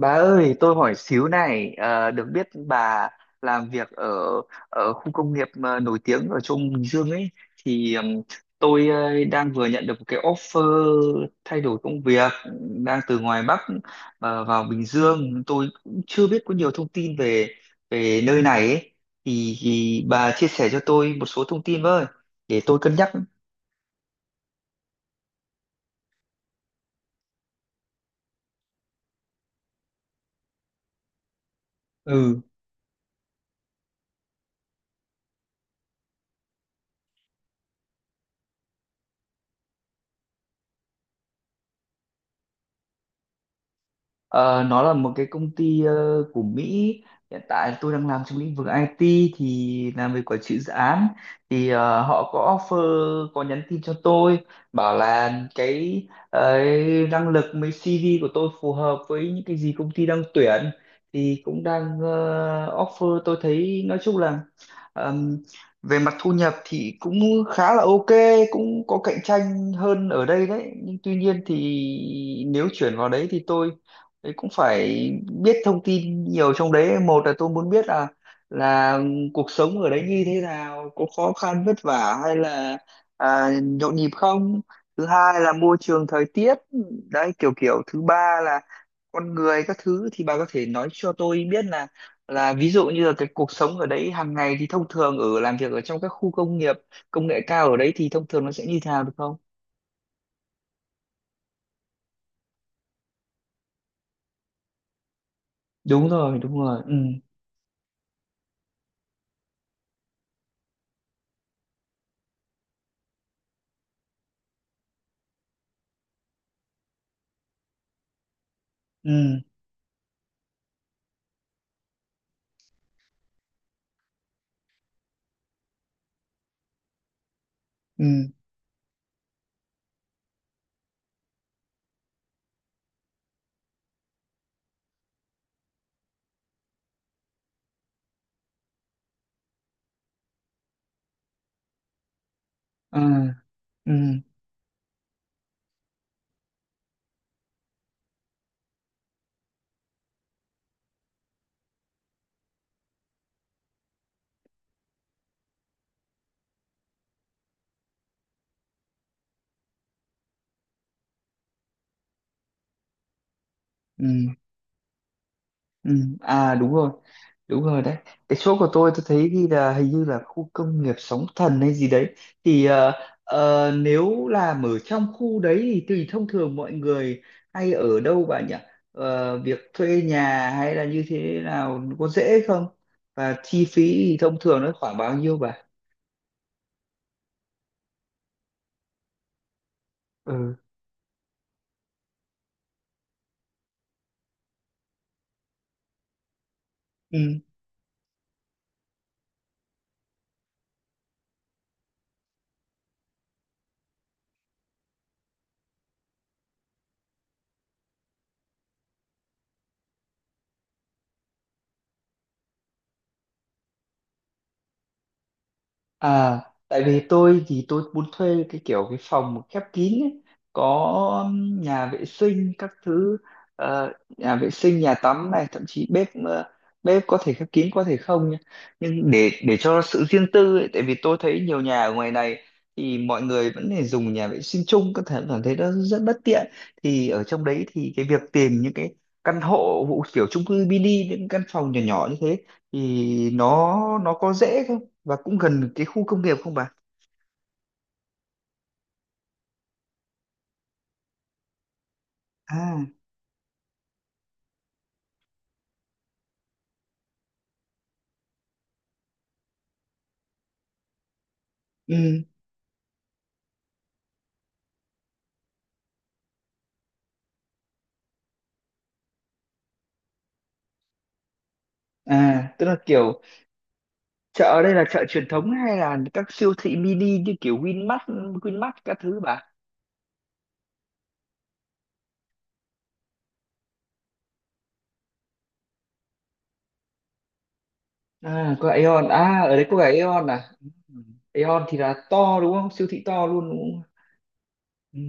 Bà ơi, tôi hỏi xíu này, được biết bà làm việc ở ở khu công nghiệp nổi tiếng ở trong Bình Dương ấy, thì tôi đang vừa nhận được một cái offer thay đổi công việc, đang từ ngoài Bắc vào Bình Dương, tôi cũng chưa biết có nhiều thông tin về về nơi này ấy, thì bà chia sẻ cho tôi một số thông tin với, để tôi cân nhắc. Ừ. Ờ, nó là một cái công ty của Mỹ. Hiện tại tôi đang làm trong lĩnh vực IT thì làm về quản trị dự án. Thì họ có offer, có nhắn tin cho tôi bảo là cái năng lực với CV của tôi phù hợp với những cái gì công ty đang tuyển, thì cũng đang offer. Tôi thấy nói chung là ờm, về mặt thu nhập thì cũng khá là ok, cũng có cạnh tranh hơn ở đây đấy, nhưng tuy nhiên thì nếu chuyển vào đấy thì tôi đấy cũng phải biết thông tin nhiều trong đấy. Một là tôi muốn biết là cuộc sống ở đấy như thế nào, có khó khăn vất vả hay là nhộn nhịp không. Thứ hai là môi trường thời tiết đấy kiểu kiểu thứ ba là con người các thứ. Thì bà có thể nói cho tôi biết là ví dụ như là cái cuộc sống ở đấy hàng ngày thì thông thường ở làm việc ở trong các khu công nghiệp công nghệ cao ở đấy thì thông thường nó sẽ như thế nào được không? Đúng rồi, đúng rồi. Ừ, ừ, ừ, ừ, ừ, ừ. Ừ, à, đúng rồi, đúng rồi đấy. Cái chỗ của tôi thấy ghi là hình như là khu công nghiệp Sóng Thần hay gì đấy. Thì nếu làm ở trong khu đấy thì tùy, thông thường mọi người hay ở đâu bà nhỉ? Ờ, việc thuê nhà hay là như thế nào, có dễ không và chi phí thì thông thường nó khoảng bao nhiêu bà? Ừ. À, tại vì tôi thì tôi muốn thuê cái kiểu cái phòng khép kín ấy, có nhà vệ sinh các thứ. Nhà vệ sinh nhà tắm này, thậm chí bếp bếp có thể khép kín có thể không nhá. Nhưng để cho sự riêng tư ấy, tại vì tôi thấy nhiều nhà ở ngoài này thì mọi người vẫn phải dùng nhà vệ sinh chung, có thể cảm thấy nó rất bất tiện. Thì ở trong đấy thì cái việc tìm những cái căn hộ hộ kiểu chung cư mini, những căn phòng nhỏ nhỏ như thế thì nó có dễ không? Và cũng gần cái khu công nghiệp không bà? À, ừ, à, tức là kiểu chợ ở đây là chợ truyền thống hay là các siêu thị mini như kiểu Winmart Winmart các thứ bà? À có Aeon à? Ở đấy có cả Aeon à? Ừ. Aeon thì là to đúng không, siêu thị to luôn đúng không? Ừ.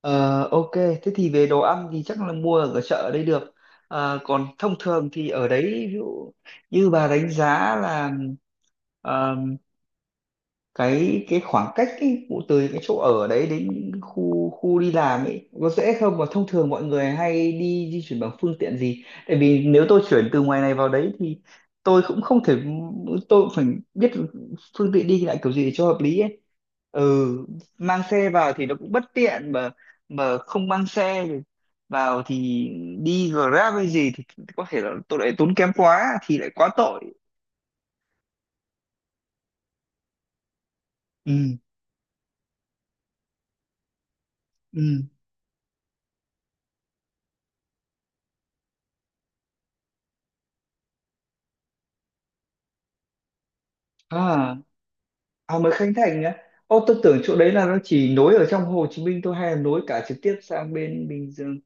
Ờ, ok, thế thì về đồ ăn thì chắc là mua ở chợ ở đây được. Ờ, còn thông thường thì ở đấy, ví dụ như bà đánh giá là cái khoảng cách ấy, vụ từ cái chỗ ở đấy đến khu khu đi làm ấy, có dễ không và thông thường mọi người hay đi di chuyển bằng phương tiện gì? Tại vì nếu tôi chuyển từ ngoài này vào đấy thì tôi cũng không thể, tôi cũng phải biết phương tiện đi lại kiểu gì để cho hợp lý ấy. Ừ, mang xe vào thì nó cũng bất tiện mà không mang xe thì vào thì đi Grab hay gì thì có thể là tôi lại tốn kém quá thì lại quá tội. Ừ, ừ, à. À mới Khánh Thành á. Ô, tôi tưởng chỗ đấy là nó chỉ nối ở trong Hồ Chí Minh thôi, hay là nối cả trực tiếp sang bên Bình Dương?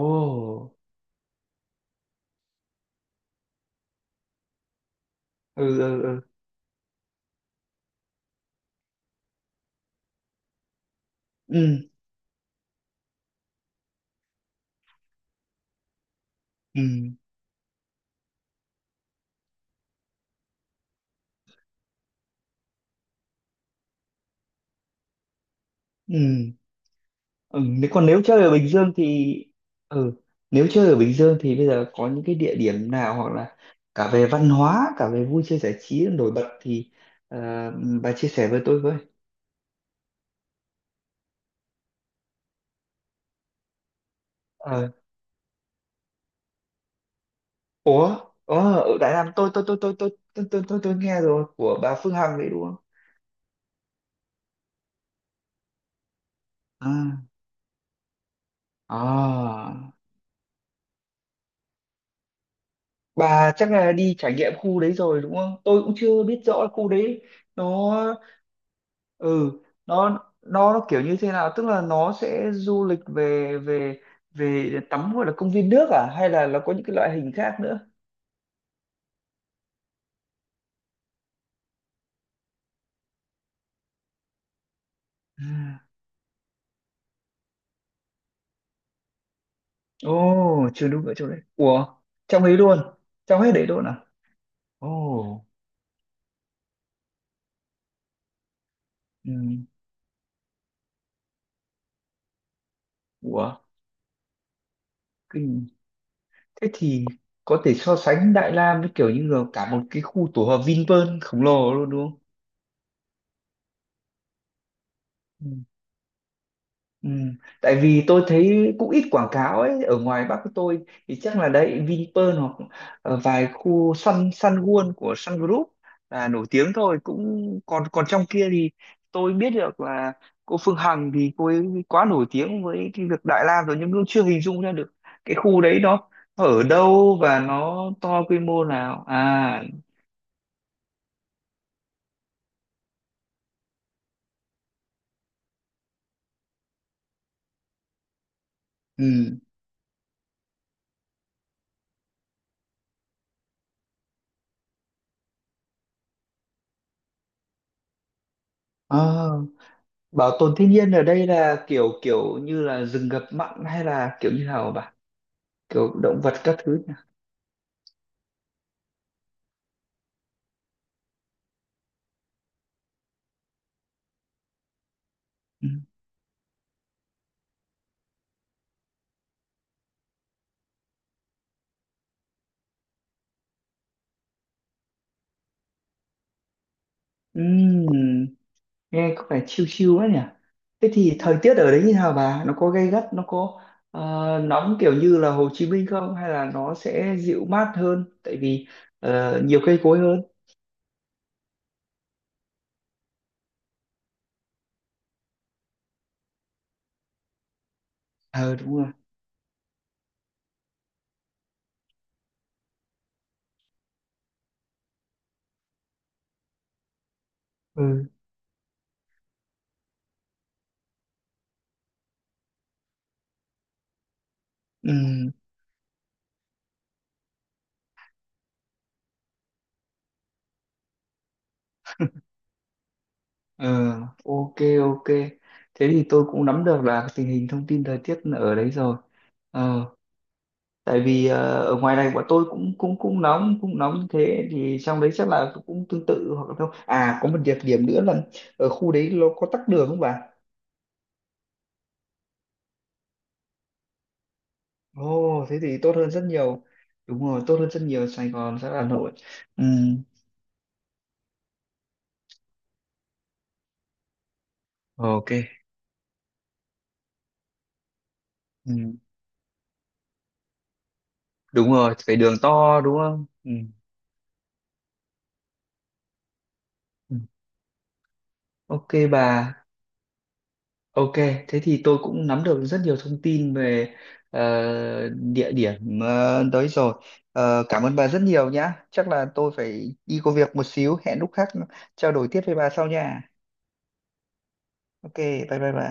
Ồ. Ừ, ừ, ừ. Ừ, ừ, ừ. Ừ. Còn nếu chơi ở Bình Dương thì ừ, nếu chơi ở Bình Dương thì bây giờ có những cái địa điểm nào, hoặc là cả về văn hóa, cả về vui chơi giải trí nổi bật thì ờ, bà chia sẻ với tôi với. Ờ. Ủa. Ở Đại Nam tôi nghe rồi, của bà Phương Hằng đấy đúng không? À. À. Bà chắc là đi trải nghiệm khu đấy rồi đúng không? Tôi cũng chưa biết rõ khu đấy nó ừ nó nó kiểu như thế nào, tức là nó sẽ du lịch về về về tắm, gọi là công viên nước à, hay là nó có những cái loại hình khác nữa? Ừ. Ồ, chưa đúng ở chỗ đấy. Ủa, trong ấy luôn, trong hết đấy luôn à? Ồ, ừ. Ủa, kinh. Thế thì có thể so sánh Đại Lam với kiểu như là cả một cái khu tổ hợp Vinpearl khổng lồ luôn đúng không? Ừ. Tại vì tôi thấy cũng ít quảng cáo ấy, ở ngoài Bắc của tôi thì chắc là đấy Vinpearl hoặc vài khu Sun Sun World của Sun Group là nổi tiếng thôi, cũng còn còn trong kia thì tôi biết được là cô Phương Hằng thì cô ấy quá nổi tiếng với cái việc Đại Lam rồi, nhưng cũng chưa hình dung ra được cái khu đấy nó ở đâu và nó to quy mô nào. À, ừ. Ờ, bảo tồn thiên nhiên ở đây là kiểu kiểu như là rừng ngập mặn hay là kiểu như nào, kiểu động vật các thứ nhỉ? Ừ. Ừm, nghe có vẻ chill chill quá nhỉ. Thế thì thời tiết ở đấy như nào bà, nó có gay gắt, nó có ờ, nóng kiểu như là Hồ Chí Minh không, hay là nó sẽ dịu mát hơn, tại vì nhiều cây cối hơn. Ờ đúng rồi. Ừ, ừ, ừ. Ok, ok, thế thì tôi cũng nắm được là tình hình thông tin thời tiết ở đấy rồi. Ờ, tại vì ở ngoài này bọn tôi cũng cũng cũng nóng như thế thì trong đấy chắc là cũng tương tự hoặc là không. À, có một đặc điểm nữa là ở khu đấy nó có tắc đường không bà? Ồ, thế thì tốt hơn rất nhiều. Đúng rồi, tốt hơn rất nhiều. Sài Gòn rất là Hà Nội. Ừ, ok. Ừ, đúng rồi phải đường to đúng không. Ừ, ừ. Ok bà. Ok, thế thì tôi cũng nắm được rất nhiều thông tin về ờ, địa điểm đấy rồi. Ờ, cảm ơn bà rất nhiều nhá. Chắc là tôi phải đi có việc một xíu. Hẹn lúc khác trao đổi tiếp với bà sau nha. Ok, bye bye bà.